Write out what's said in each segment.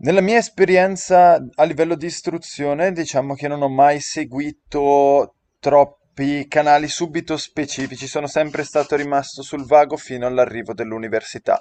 Nella mia esperienza a livello di istruzione, diciamo che non ho mai seguito troppi canali subito specifici, sono sempre stato rimasto sul vago fino all'arrivo dell'università.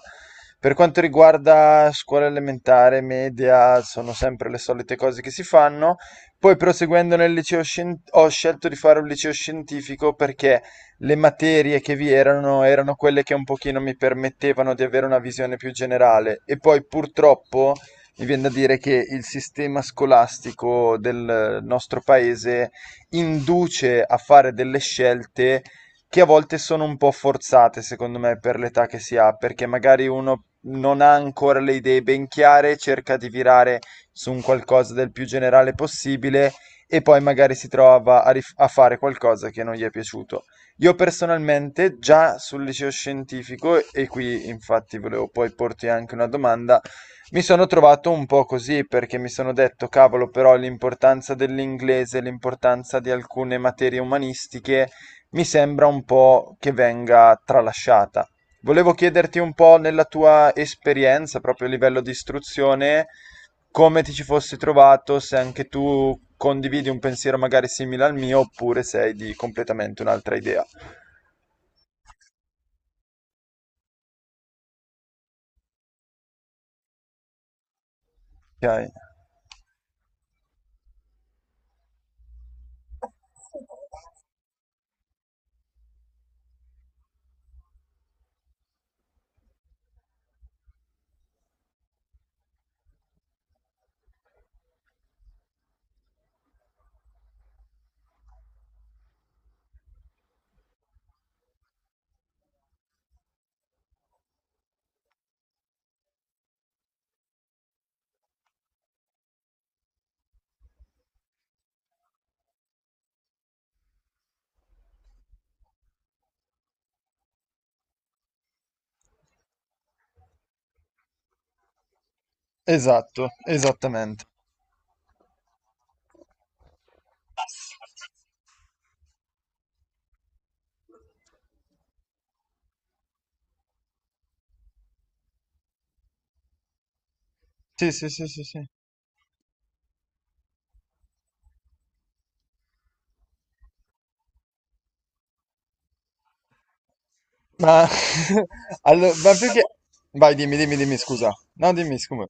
Per quanto riguarda scuola elementare, media, sono sempre le solite cose che si fanno. Poi proseguendo nel liceo ho scelto di fare un liceo scientifico perché le materie che vi erano erano quelle che un pochino mi permettevano di avere una visione più generale e poi purtroppo mi viene da dire che il sistema scolastico del nostro paese induce a fare delle scelte che a volte sono un po' forzate, secondo me, per l'età che si ha, perché magari uno non ha ancora le idee ben chiare, cerca di virare su un qualcosa del più generale possibile e poi magari si trova a fare qualcosa che non gli è piaciuto. Io personalmente, già sul liceo scientifico, e qui infatti volevo poi porti anche una domanda, mi sono trovato un po' così perché mi sono detto, cavolo, però l'importanza dell'inglese, l'importanza di alcune materie umanistiche mi sembra un po' che venga tralasciata. Volevo chiederti un po' nella tua esperienza, proprio a livello di istruzione, come ti ci fossi trovato, se anche tu condividi un pensiero magari simile al mio oppure sei di completamente un'altra idea. Ok. Esatto, esattamente. Sì, sì, sì, sì, sì. Ma, allo- ma più che... Vai, dimmi, dimmi, dimmi, scusa. No, dimmi, scusa.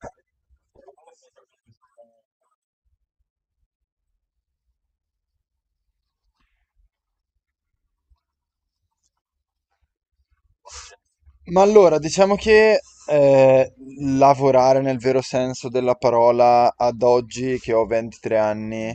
Ma allora, diciamo che eh, lavorare nel vero senso della parola ad oggi che ho 23 anni,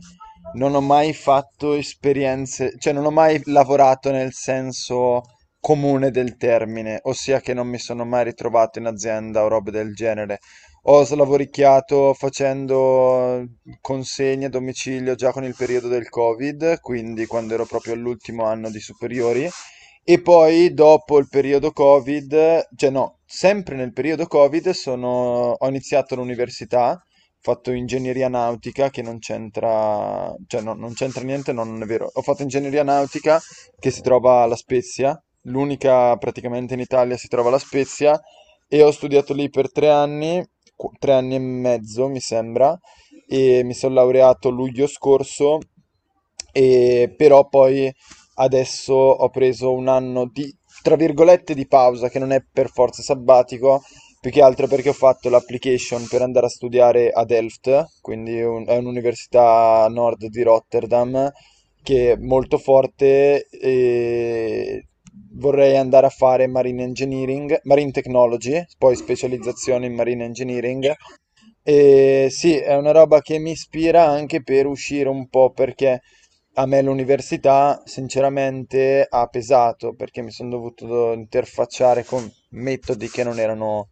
non ho mai fatto esperienze, cioè non ho mai lavorato nel senso comune del termine, ossia che non mi sono mai ritrovato in azienda o robe del genere. Ho slavoricchiato facendo consegne a domicilio già con il periodo del Covid, quindi quando ero proprio all'ultimo anno di superiori. E poi dopo il periodo Covid, cioè no, sempre nel periodo Covid ho iniziato l'università, ho fatto ingegneria nautica che non c'entra, cioè no, non c'entra niente, no, non è vero. Ho fatto ingegneria nautica che si trova alla Spezia, l'unica praticamente in Italia si trova alla Spezia e ho studiato lì per 3 anni, 3 anni e mezzo mi sembra, e mi sono laureato luglio scorso, e però poi adesso ho preso un anno di, tra virgolette, di pausa, che non è per forza sabbatico, più che altro perché ho fatto l'application per andare a studiare a Delft, quindi è un'università a nord di Rotterdam, che è molto forte e vorrei andare a fare marine engineering, marine technology, poi specializzazione in marine engineering. E sì, è una roba che mi ispira anche per uscire un po', perché a me l'università sinceramente ha pesato, perché mi sono dovuto interfacciare con metodi che non erano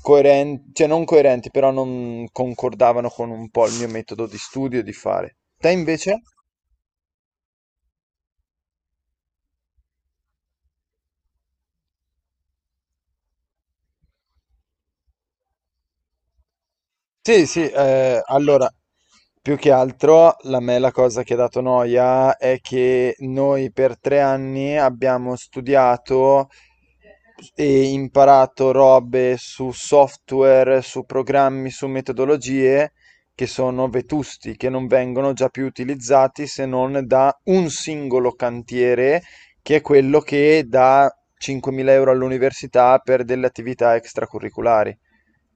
coerenti, cioè non coerenti, però non concordavano con un po' il mio metodo di studio e di fare. Te invece? Sì, sì, allora, più che altro la cosa che ha dato noia è che noi per 3 anni abbiamo studiato e imparato robe su software, su programmi, su metodologie che sono vetusti, che non vengono già più utilizzati se non da un singolo cantiere, che è quello che dà 5.000 euro all'università per delle attività extracurriculari.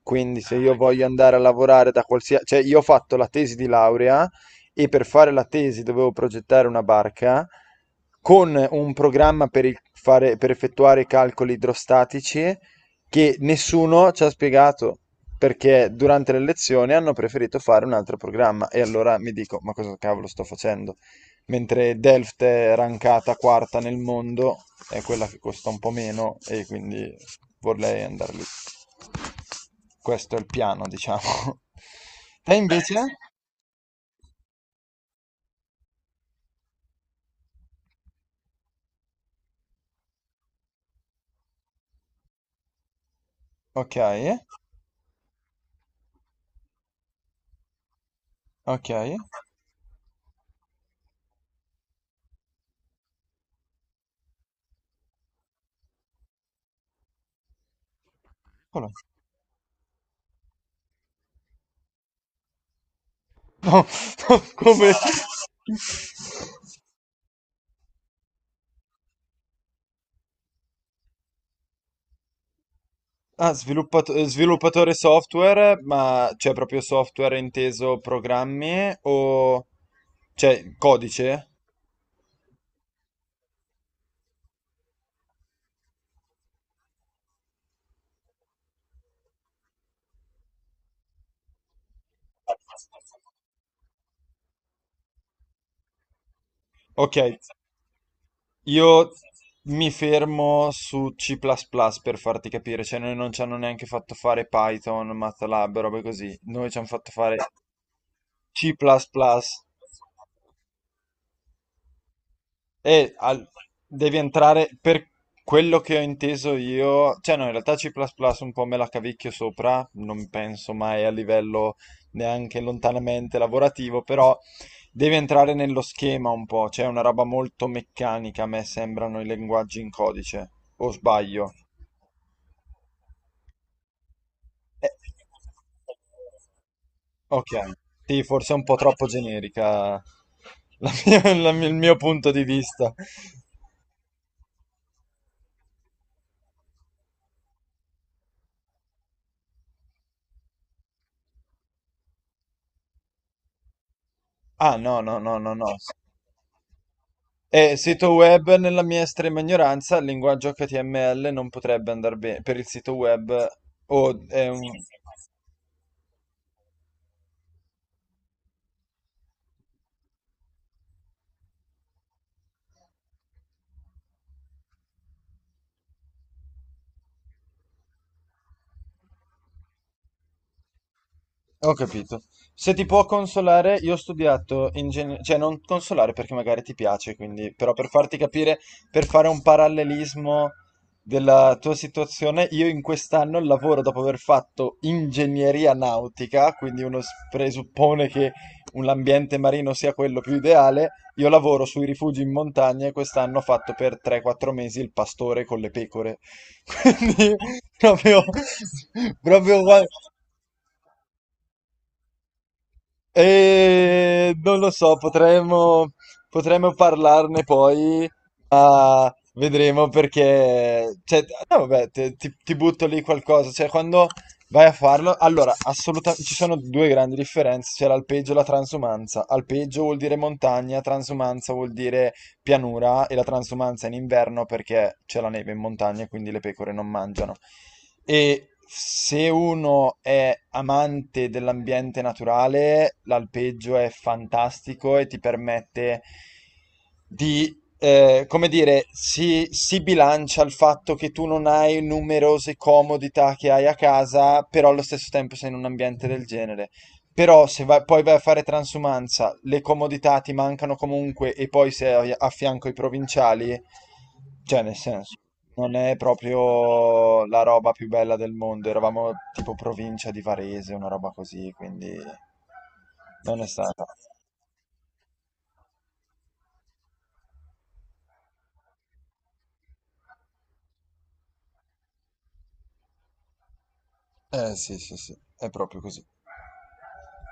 Quindi se io voglio andare a lavorare da qualsiasi... Cioè io ho fatto la tesi di laurea e per fare la tesi dovevo progettare una barca con un programma per, per effettuare i calcoli idrostatici che nessuno ci ha spiegato perché durante le lezioni hanno preferito fare un altro programma e allora mi dico ma cosa cavolo sto facendo? Mentre Delft è rankata quarta nel mondo, è quella che costa un po' meno e quindi vorrei andare lì. Questo è il piano, diciamo. Te invece? Ok, ok. Eccolo. No, no, come... Ah, sviluppato- sviluppatore software, ma c'è proprio software inteso programmi o... Cioè, codice? Ok, io mi fermo su C++ plus plus per farti capire, cioè noi non ci hanno neanche fatto fare Python, MATLAB, robe così, noi ci hanno fatto fare C++. Plus plus. E al- devi entrare per quello che ho inteso io, cioè no, in realtà C++ un po' me la cavicchio sopra, non penso mai a livello neanche lontanamente lavorativo, però devi entrare nello schema un po', cioè è una roba molto meccanica, a me sembrano i linguaggi in codice, o sbaglio? Eh, ok, sì, forse è un po' troppo generica la mia- il mio punto di vista. Ah, no, no, no, no, no. Sito web nella mia estrema ignoranza, il linguaggio HTML non potrebbe andare bene per il sito web o è un, ho capito. Se ti può consolare, io ho studiato ingegneria, cioè non consolare perché magari ti piace, quindi, però per farti capire, per fare un parallelismo della tua situazione, io in quest'anno lavoro dopo aver fatto ingegneria nautica, quindi presuppone che l'ambiente marino sia quello più ideale, io lavoro sui rifugi in montagna e quest'anno ho fatto per 3-4 mesi il pastore con le pecore. Quindi proprio, proprio e non lo so, potremmo, potremmo parlarne poi, ma vedremo perché... Cioè, no, vabbè, ti butto lì qualcosa, cioè quando vai a farlo... Allora, assolutamente, ci sono due grandi differenze, c'è l'alpeggio e la transumanza. Alpeggio vuol dire montagna, transumanza vuol dire pianura e la transumanza in inverno perché c'è la neve in montagna e quindi le pecore non mangiano. E se uno è amante dell'ambiente naturale, l'alpeggio è fantastico e ti permette di, come dire, si bilancia il fatto che tu non hai numerose comodità che hai a casa, però allo stesso tempo sei in un ambiente del genere. Però se poi vai a fare transumanza, le comodità ti mancano comunque e poi sei a fianco i provinciali, cioè nel senso, non è proprio la roba più bella del mondo. Eravamo tipo provincia di Varese, una roba così, quindi non è stata. Eh sì, sì, sì, è proprio così.